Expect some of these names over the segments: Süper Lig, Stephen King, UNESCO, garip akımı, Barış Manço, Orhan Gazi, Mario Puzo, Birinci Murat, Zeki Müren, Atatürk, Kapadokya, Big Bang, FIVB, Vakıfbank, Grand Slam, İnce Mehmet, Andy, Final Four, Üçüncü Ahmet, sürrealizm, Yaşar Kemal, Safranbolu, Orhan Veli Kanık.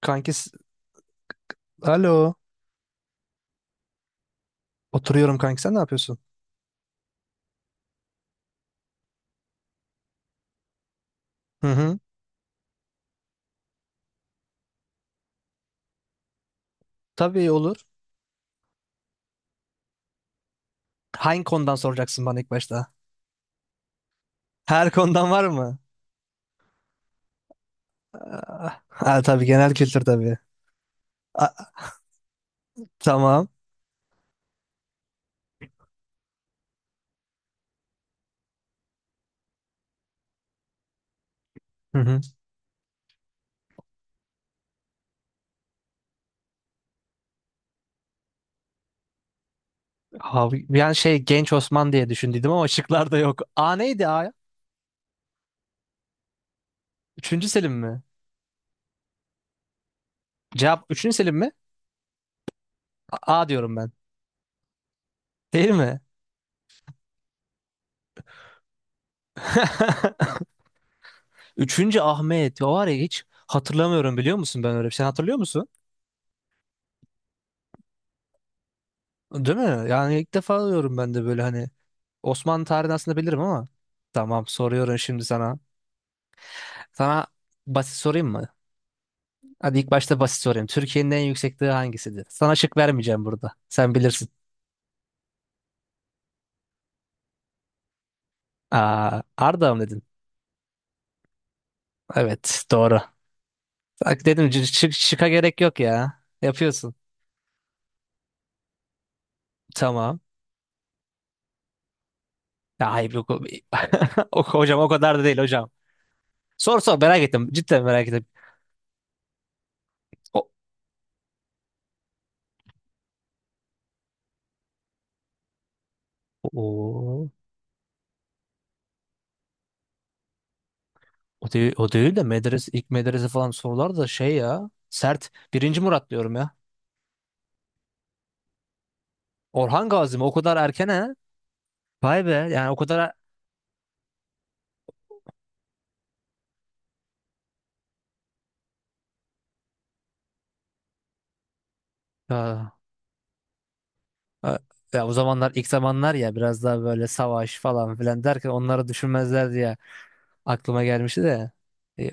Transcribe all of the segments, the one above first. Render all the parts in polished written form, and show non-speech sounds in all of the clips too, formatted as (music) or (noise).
Kanki, alo. Oturuyorum kanki, sen ne yapıyorsun? Hı hı. Tabii olur. Hangi konudan soracaksın bana ilk başta? Her konudan var mı? Ah, ha, tabii genel kültür tabii. A- tamam. Hı hı. Abi, yani şey Genç Osman diye düşündüydüm ama şıklarda yok. A neydi, A? Üçüncü Selim mi? Cevap üçüncü Selim mi? A, A diyorum ben. Değil mi? (laughs) Üçüncü Ahmet. O var ya, hiç hatırlamıyorum, biliyor musun ben öyle bir şey. Sen hatırlıyor musun? Değil mi? Yani ilk defa diyorum ben de böyle hani. Osmanlı tarihini aslında bilirim ama. Tamam, soruyorum şimdi sana. Sana basit sorayım mı? Hadi ilk başta basit sorayım. Türkiye'nin en yüksek dağı hangisidir? Sana şık vermeyeceğim burada. Sen bilirsin. Aa, Ardahan mı dedin? Evet, doğru. Bak dedim, şıka gerek yok ya. Yapıyorsun. Tamam. Ya hayır, yok. (laughs) Hocam, o kadar da değil hocam. Sor sor, merak ettim. Cidden merak ettim. O, o, o değil de medrese, ilk medrese falan sorular da şey ya. Sert. Birinci Murat diyorum ya. Orhan Gazi mi? O kadar erken ha? Vay be. Yani o kadar ya, ya ya o zamanlar, ilk zamanlar ya, biraz daha böyle savaş falan filan derken onları düşünmezler diye aklıma gelmişti de. E,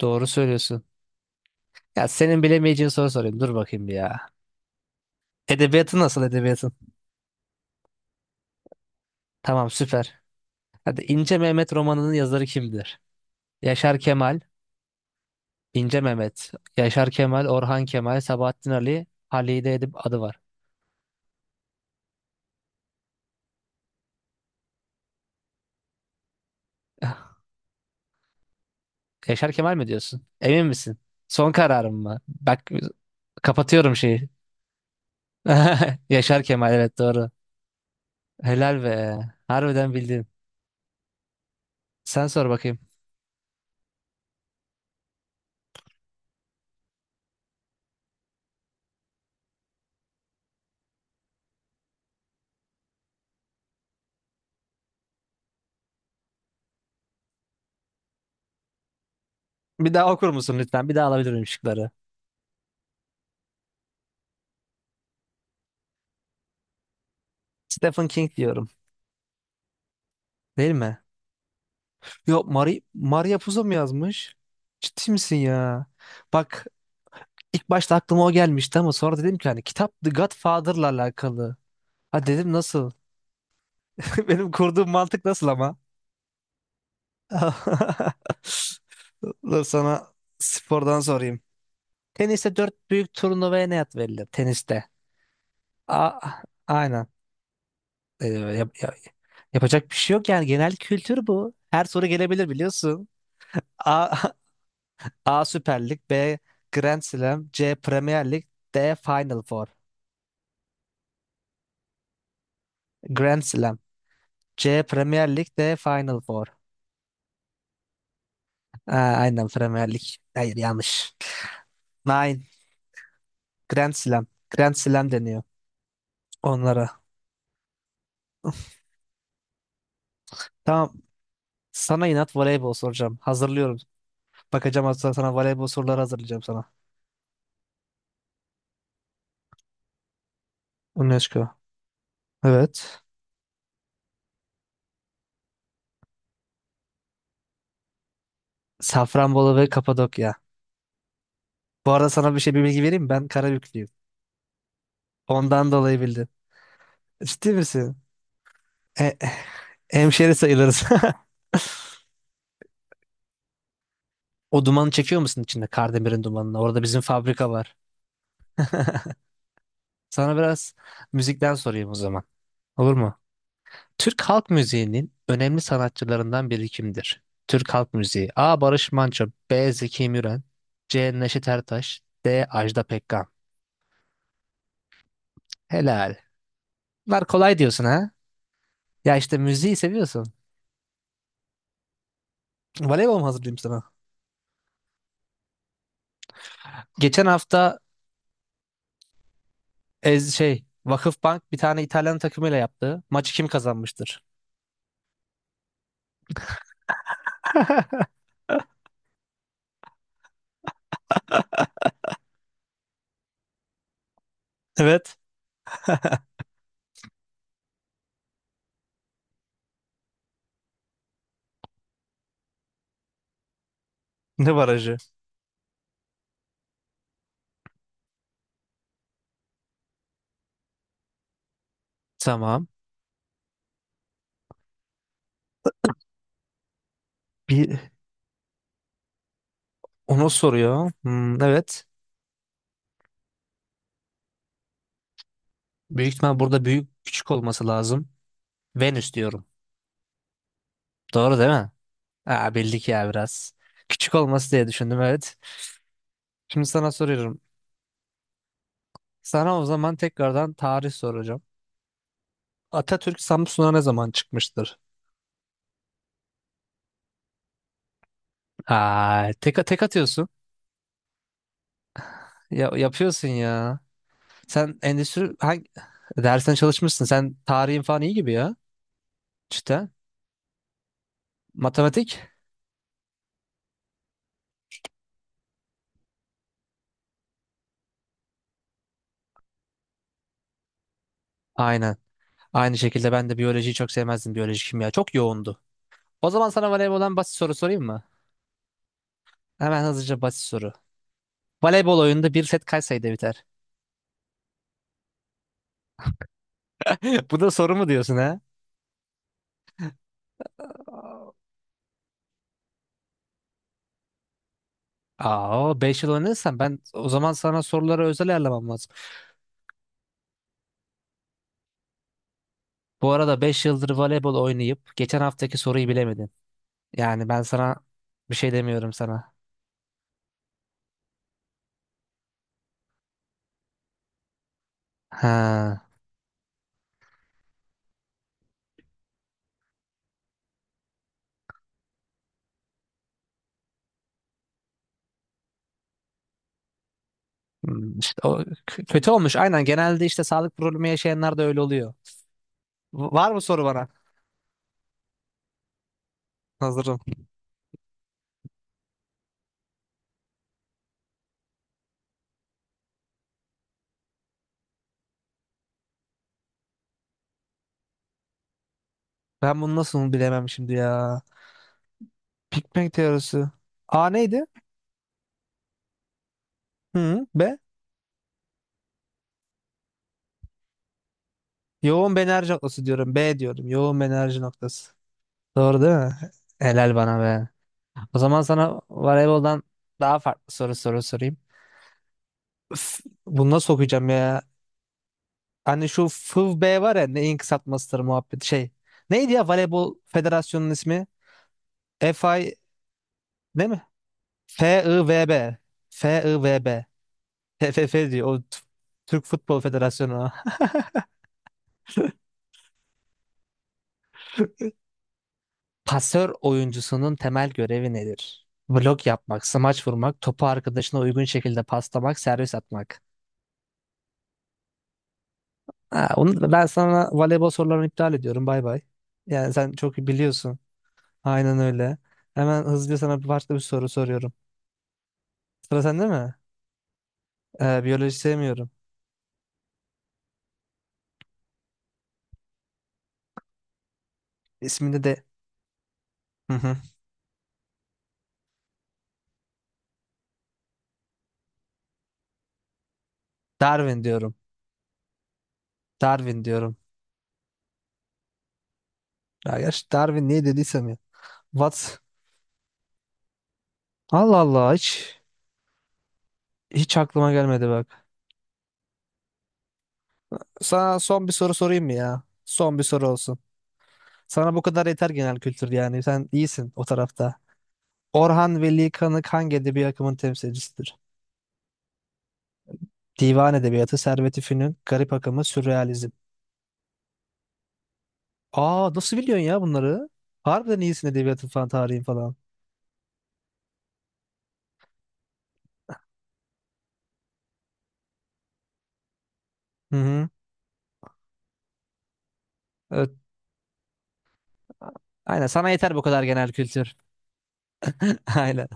doğru söylüyorsun. Ya senin bilemeyeceğin soru sorayım. Dur bakayım bir ya. Edebiyatı nasıl edebiyatın? Tamam, süper. Hadi İnce Mehmet romanının yazarı kimdir? Yaşar Kemal, İnce Mehmet, Yaşar Kemal, Orhan Kemal, Sabahattin Ali, Halide Edip adı var. (laughs) Yaşar Kemal mi diyorsun? Emin misin? Son kararım mı? Bak, kapatıyorum şeyi. (laughs) Yaşar Kemal, evet, doğru. Helal be. Harbiden bildin. Sen sor bakayım. Bir daha okur musun lütfen? Bir daha alabilir miyim şıkları? Stephen King diyorum. Değil mi? Yok, Mari Maria Puzo mu yazmış? Ciddi misin ya? Bak, ilk başta aklıma o gelmişti ama sonra dedim ki hani kitap The Godfather'la alakalı. Ha, dedim nasıl? (laughs) Benim kurduğum mantık nasıl ama? (laughs) Dur, sana spordan sorayım. Teniste dört büyük turnuvaya ne ad verilir? Teniste. A, aynen. Ee, yap- ya- yapacak bir şey yok yani, genel kültür bu. Her soru gelebilir biliyorsun. A, (laughs) A Süper Lig, B Grand Slam, C Premier Lig, D Final Four. Grand Slam, C Premier Lig, D Final Four. Aa, aynen Premier Lig. Hayır, yanlış. Nine Grand Slam. Grand Slam deniyor onlara. Tamam. Sana inat voleybol soracağım. Hazırlıyorum. Bakacağım hatta, sana voleybol soruları hazırlayacağım sana. UNESCO. Evet. Safranbolu ve Kapadokya. Bu arada sana bir şey, bir bilgi vereyim mi? Ben Karabüklüyüm. Ondan dolayı bildin. Ciddi misin? E, (laughs) Hemşeri sayılırız. (laughs) O dumanı çekiyor musun içinde? Kardemir'in dumanını. Orada bizim fabrika var. (laughs) Sana biraz müzikten sorayım o zaman. Olur mu? Türk halk müziğinin önemli sanatçılarından biri kimdir? Türk halk müziği. A. Barış Manço. B. Zeki Müren. C. Neşet Ertaş. D. Ajda Pekkan. Helal. Bunlar kolay diyorsun ha? Ya işte müziği seviyorsun. Voleybol mu hazırlayayım sana? Geçen hafta Ez şey Vakıfbank bir tane İtalyan takımıyla yaptı. Maçı kim kazanmıştır? (laughs) Evet. Ne barajı? Tamam. Bir onu soruyor. Hmm, evet. Büyük ihtimal burada büyük küçük olması lazım. Venüs diyorum. Doğru değil mi? Aa, bildik ya biraz. Küçük olması diye düşündüm, evet. Şimdi sana soruyorum. Sana o zaman tekrardan tarih soracağım. Atatürk Samsun'a ne zaman çıkmıştır? Aa, tek, tek atıyorsun. Ya, yapıyorsun ya. Sen endüstri hangi dersine çalışmışsın? Sen tarihin falan iyi gibi ya. Çıta. Matematik? Aynen. Aynı şekilde ben de biyolojiyi çok sevmezdim. Biyoloji, kimya çok yoğundu. O zaman sana voleyboldan basit soru sorayım mı? Hemen hızlıca basit soru. Voleybol oyununda bir set kaç sayıda biter? (laughs) Bu da soru mu diyorsun ha? Aa, 5 yıl oynadıysan, ben o zaman sana soruları özel ayarlamam lazım. Bu arada 5 yıldır voleybol oynayıp geçen haftaki soruyu bilemedin. Yani ben sana bir şey demiyorum sana. Ha. Hmm, işte o kötü olmuş. Aynen, genelde işte sağlık problemi yaşayanlar da öyle oluyor. Var mı soru bana? Hazırım. Ben bunu nasıl bilemem şimdi ya. Big Bang teorisi. A neydi? Hı, B. Yoğun bir enerji noktası diyorum. B diyorum. Yoğun bir enerji noktası. Doğru değil mi? Helal bana be. O zaman sana voleyboldan daha farklı soru soru sorayım. Üf, bunu nasıl okuyacağım ya? Hani şu FIVB var ya, neyin kısaltmasıdır muhabbet şey. Neydi ya voleybol federasyonunun ismi? FI değil mi? FIVB. FIVB. TFF diyor. O Türk Futbol Federasyonu. (laughs) Pasör oyuncusunun temel görevi nedir? Blok yapmak, smaç vurmak, topu arkadaşına uygun şekilde paslamak, servis atmak. Ha, onu ben sana voleybol sorularını iptal ediyorum. Bay bay. Yani sen çok iyi biliyorsun. Aynen öyle. Hemen hızlıca sana bir başka bir soru soruyorum. Sıra sende mi? Biyoloji sevmiyorum. İsminde de. Hı hı. Darwin diyorum. Darwin diyorum. Ya gerçi Darwin niye dediysem ya. What? Allah Allah, hiç aklıma gelmedi bak. Sana son bir soru sorayım mı ya? Son bir soru olsun. Sana bu kadar yeter genel kültür yani. Sen iyisin o tarafta. Orhan Veli Kanık hangi edebi akımın temsilcisidir? Divan edebiyatı, Servet-i Fünun, garip akımı, sürrealizm. Aa, nasıl biliyorsun ya bunları? Harbiden iyisin, edebiyatın falan, tarihin falan. Hı hı. Evet. Aynen, sana yeter bu kadar genel kültür. (laughs) Aynen.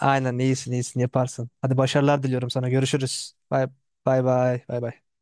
Aynen, iyisin iyisin, yaparsın. Hadi, başarılar diliyorum sana. Görüşürüz. Bay bay bay bay. Bay.